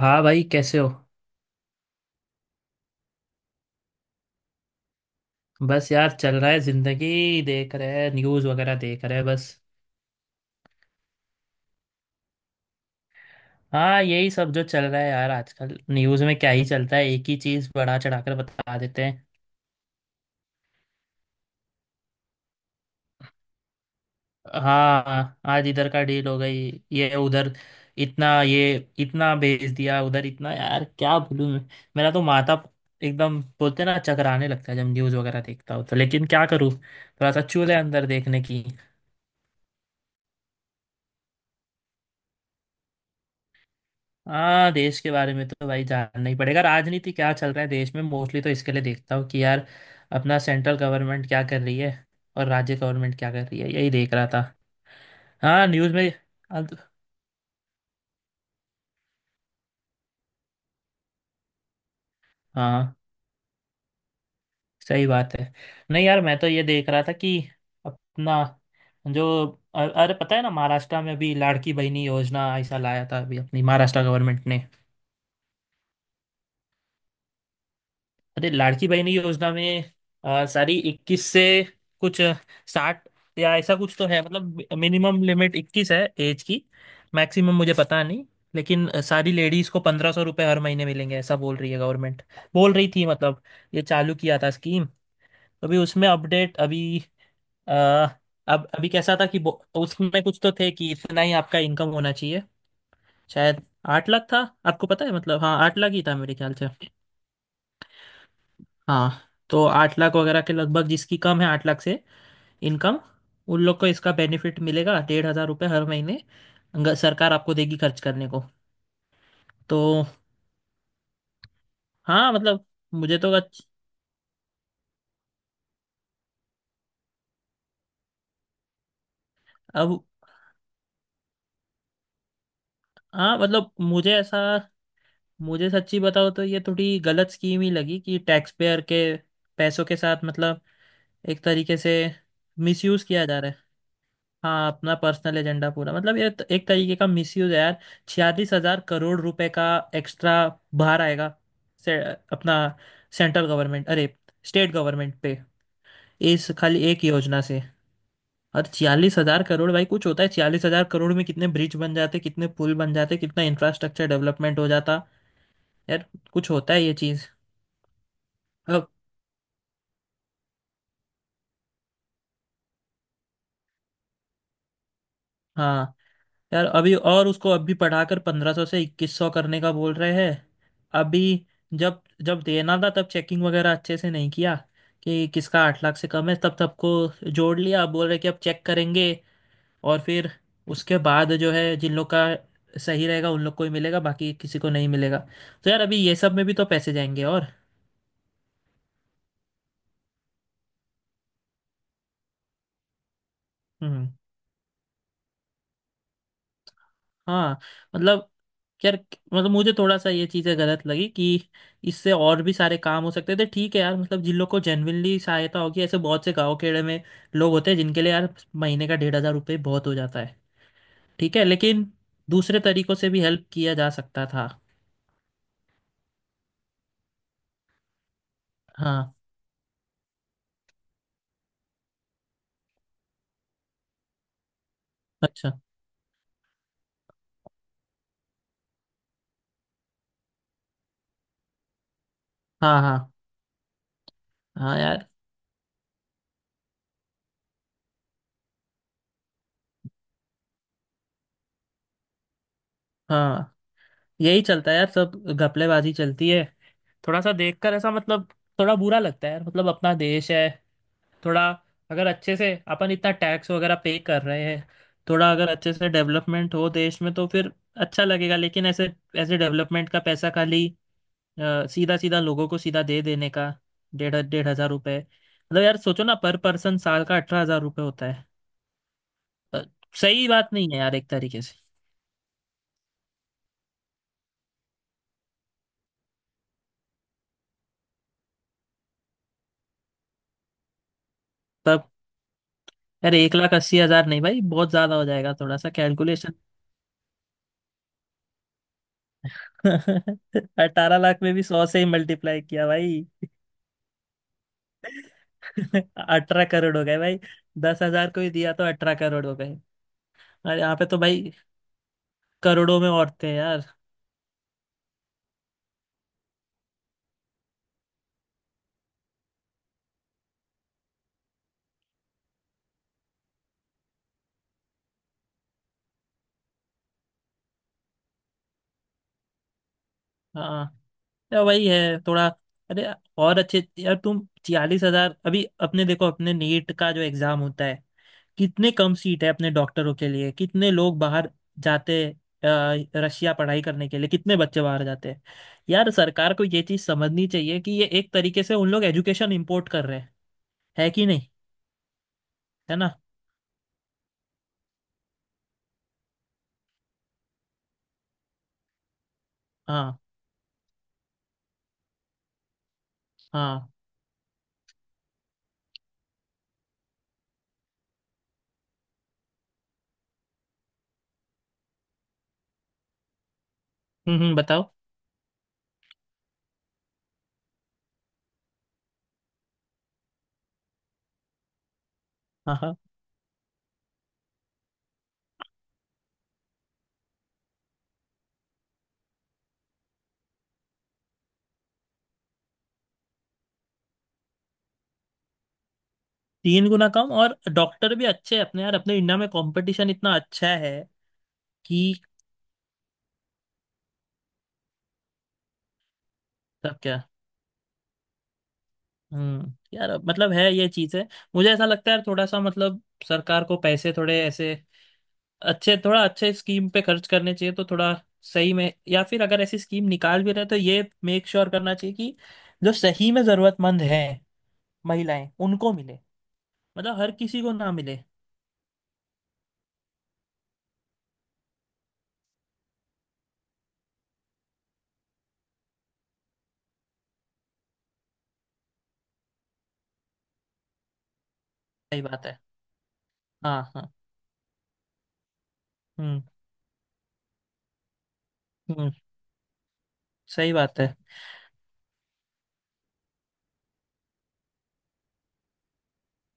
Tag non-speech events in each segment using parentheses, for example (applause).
हाँ भाई, कैसे हो। बस यार, चल रहा है जिंदगी, देख रहे हैं न्यूज़ वगैरह, देख रहे हैं बस। हाँ यही सब जो चल रहा है यार, आजकल न्यूज़ में क्या ही चलता है, एक ही चीज़ बढ़ा चढ़ाकर बता देते हैं। हाँ, आज इधर का डील हो गई ये उधर, इतना ये, इतना भेज दिया उधर इतना, यार क्या बोलूँ मैं। मेरा तो माथा एकदम, बोलते हैं ना, चकराने लगता है जब न्यूज़ वगैरह देखता हूँ तो। लेकिन क्या करूँ, थोड़ा सा चूल है अंदर देखने की। हाँ, देश के बारे में तो भाई जानना ही पड़ेगा। राजनीति क्या चल रहा है देश में, मोस्टली तो इसके लिए देखता हूँ कि यार अपना सेंट्रल गवर्नमेंट क्या कर रही है और राज्य गवर्नमेंट क्या कर रही है, यही देख रहा था हाँ न्यूज़ में। तो, हाँ सही बात है। नहीं यार, मैं तो ये देख रहा था कि अपना जो, अरे पता है ना, महाराष्ट्र में अभी लाड़की बहनी योजना ऐसा लाया था अभी अपनी महाराष्ट्र गवर्नमेंट ने। अरे लाड़की बहन योजना में सारी 21 से कुछ 60 या ऐसा कुछ तो है, मतलब मिनिमम लिमिट 21 है एज की, मैक्सिमम मुझे पता नहीं। लेकिन सारी लेडीज को 1,500 रुपये हर महीने मिलेंगे ऐसा बोल रही है गवर्नमेंट, बोल रही थी मतलब। ये चालू किया था स्कीम। अभी उसमें अपडेट अभी, आ, अब अभी कैसा था कि उसमें कुछ तो थे कि इतना ही आपका इनकम होना चाहिए शायद। 8 लाख था, आपको पता है मतलब? हाँ, 8 लाख ही था मेरे ख्याल से। हाँ, तो 8 लाख वगैरह के लगभग जिसकी कम है 8 लाख से इनकम, उन लोग को इसका बेनिफिट मिलेगा 1,500 रुपये हर महीने। सरकार आपको देगी खर्च करने को तो। हाँ मतलब मुझे तो अब, हाँ मतलब मुझे ऐसा, मुझे सच्ची बताओ तो ये थोड़ी गलत स्कीम ही लगी कि टैक्स पेयर के पैसों के साथ मतलब एक तरीके से मिसयूज किया जा रहा है। हाँ, अपना पर्सनल एजेंडा पूरा, मतलब ये तो एक तरीके का मिसयूज है यार। 46,000 करोड़ रुपए का एक्स्ट्रा भार आएगा अपना सेंट्रल गवर्नमेंट, अरे स्टेट गवर्नमेंट पे, इस खाली एक योजना से। और 46,000 करोड़, भाई कुछ होता है 46,000 करोड़ में, कितने ब्रिज बन जाते, कितने पुल बन जाते, कितना इंफ्रास्ट्रक्चर डेवलपमेंट हो जाता यार। कुछ होता है ये चीज। हाँ यार, अभी और उसको अभी पढ़ाकर 1,500 से 2,100 करने का बोल रहे हैं अभी। जब जब देना था तब चेकिंग वगैरह अच्छे से नहीं किया कि किसका 8 लाख से कम है, तब सबको जोड़ लिया, अब बोल रहे कि अब चेक करेंगे, और फिर उसके बाद जो है जिन लोग का सही रहेगा उन लोग को ही मिलेगा, बाकी किसी को नहीं मिलेगा। तो यार अभी ये सब में भी तो पैसे जाएंगे और। हम्म। हाँ मतलब यार, मतलब मुझे थोड़ा सा ये चीज़ें गलत लगी कि इससे और भी सारे काम हो सकते थे। ठीक है यार, मतलब जिन लोग को जेन्युइनली सहायता होगी ऐसे बहुत से गाँव खेड़े में लोग होते हैं जिनके लिए यार महीने का 1,500 रुपये बहुत हो जाता है, ठीक है। लेकिन दूसरे तरीकों से भी हेल्प किया जा सकता था। हाँ। अच्छा। हाँ, हाँ, हाँ, यार हाँ। यही चलता है यार, सब घपलेबाजी चलती है। थोड़ा सा देखकर, ऐसा मतलब थोड़ा बुरा लगता है यार, मतलब अपना देश है थोड़ा। अगर अच्छे से अपन इतना टैक्स वगैरह पे कर रहे हैं, थोड़ा अगर अच्छे से डेवलपमेंट हो देश में तो फिर अच्छा लगेगा। लेकिन ऐसे, ऐसे डेवलपमेंट का पैसा खाली सीधा सीधा लोगों को सीधा दे देने का, डेढ़ डेढ़ हजार रुपए, मतलब यार सोचो ना, पर पर्सन साल का 18,000 रुपये होता है। अ, सही बात नहीं है यार एक तरीके से। तब यार 1,80,000 नहीं भाई, बहुत ज्यादा हो जाएगा, थोड़ा सा कैलकुलेशन। (laughs) 18 लाख में भी 100 से ही मल्टीप्लाई किया भाई। 18 करोड़ हो गए भाई। 10,000 को ही दिया तो 18 करोड़ हो गए। अरे यहाँ पे तो भाई करोड़ों में औरतें हैं यार। हाँ, या वही है थोड़ा। अरे और अच्छे, यार तुम 46,000, अभी अपने देखो अपने नीट का जो एग्जाम होता है, कितने कम सीट है अपने डॉक्टरों के लिए। कितने लोग बाहर जाते हैं रशिया पढ़ाई करने के लिए, कितने बच्चे बाहर जाते हैं यार। सरकार को ये चीज समझनी चाहिए कि ये एक तरीके से उन लोग एजुकेशन इम्पोर्ट कर रहे हैं, है कि नहीं, है ना। हाँ, हाँ। बताओ। हाँ, हाँ, तीन गुना कम, और डॉक्टर भी अच्छे हैं अपने, यार अपने इंडिया में कंपटीशन इतना अच्छा है कि। सब क्या। यार, मतलब है ये चीज़ है। मुझे ऐसा लगता है यार थोड़ा सा, मतलब सरकार को पैसे थोड़े ऐसे अच्छे, थोड़ा अच्छे स्कीम पे खर्च करने चाहिए, तो थोड़ा सही में। या फिर अगर ऐसी स्कीम निकाल भी रहे, तो ये मेक श्योर करना चाहिए कि जो सही में जरूरतमंद है महिलाएं उनको मिले, मतलब हर किसी को ना मिले। सही बात है। हाँ, हाँ। हम्म हम्म, सही बात है।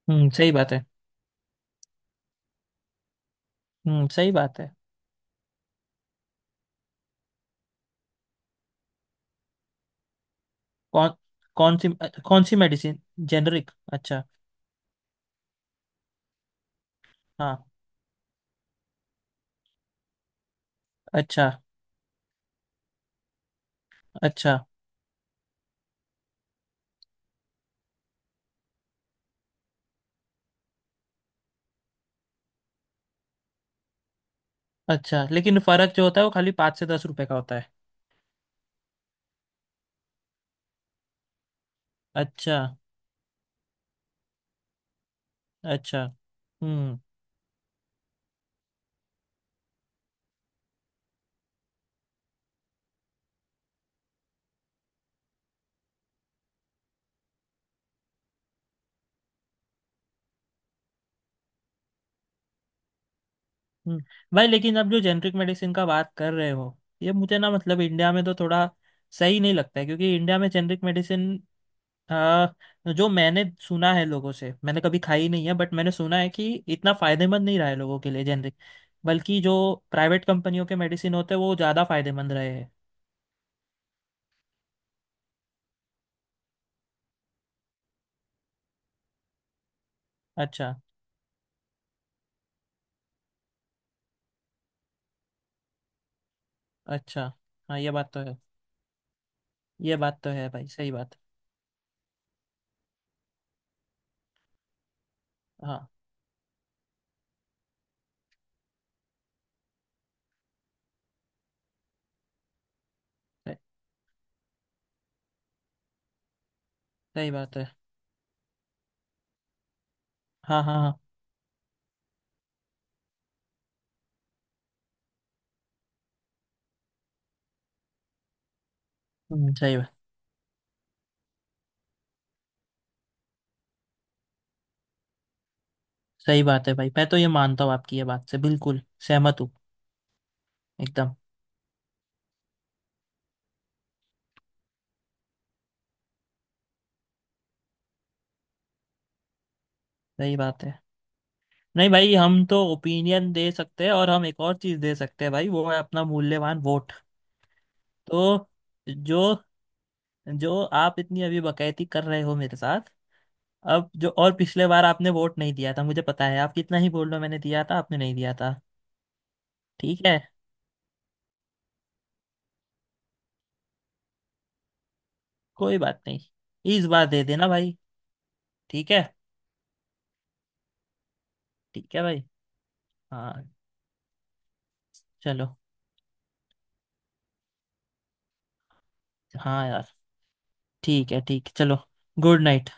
हम्म, सही बात है। हम्म, सही बात है। कौन। कौन सी? कौन सी मेडिसिन? जेनरिक, अच्छा। हाँ। अच्छा। अच्छा। अच्छा लेकिन फर्क जो होता है वो खाली 5 से 10 रुपए का होता है। अच्छा। अच्छा। हम्म हम्म। भाई लेकिन अब जो जेनरिक मेडिसिन का बात कर रहे हो, ये मुझे ना मतलब इंडिया में तो थोड़ा सही नहीं लगता है, क्योंकि इंडिया में जेनरिक मेडिसिन आ, जो मैंने सुना है लोगों से, मैंने कभी खाई नहीं है बट मैंने सुना है कि इतना फायदेमंद नहीं रहा है लोगों के लिए जेनरिक, बल्कि जो प्राइवेट कंपनियों के मेडिसिन होते हैं वो ज़्यादा फायदेमंद रहे हैं। अच्छा। अच्छा, हाँ ये बात तो है। ये बात तो है भाई, सही बात है। हाँ, सही, सही बात है। हाँ, हाँ, हाँ। सही बात। सही बात है भाई, मैं तो ये मानता हूँ, आपकी ये बात से बिल्कुल सहमत हूँ एकदम। सही बात है। नहीं भाई, हम तो ओपिनियन दे सकते हैं और हम एक और चीज़ दे सकते हैं भाई, वो है अपना मूल्यवान वोट। तो, जो जो आप इतनी अभी बकैती कर रहे हो मेरे साथ, अब जो, और पिछले बार आपने वोट नहीं दिया था, मुझे पता है, आप कितना ही बोल लो, मैंने दिया था, आपने नहीं दिया था। ठीक है, कोई बात नहीं, इस बार दे देना भाई। ठीक है, ठीक है भाई। हाँ, चलो। हाँ यार, ठीक है, चलो। Good night.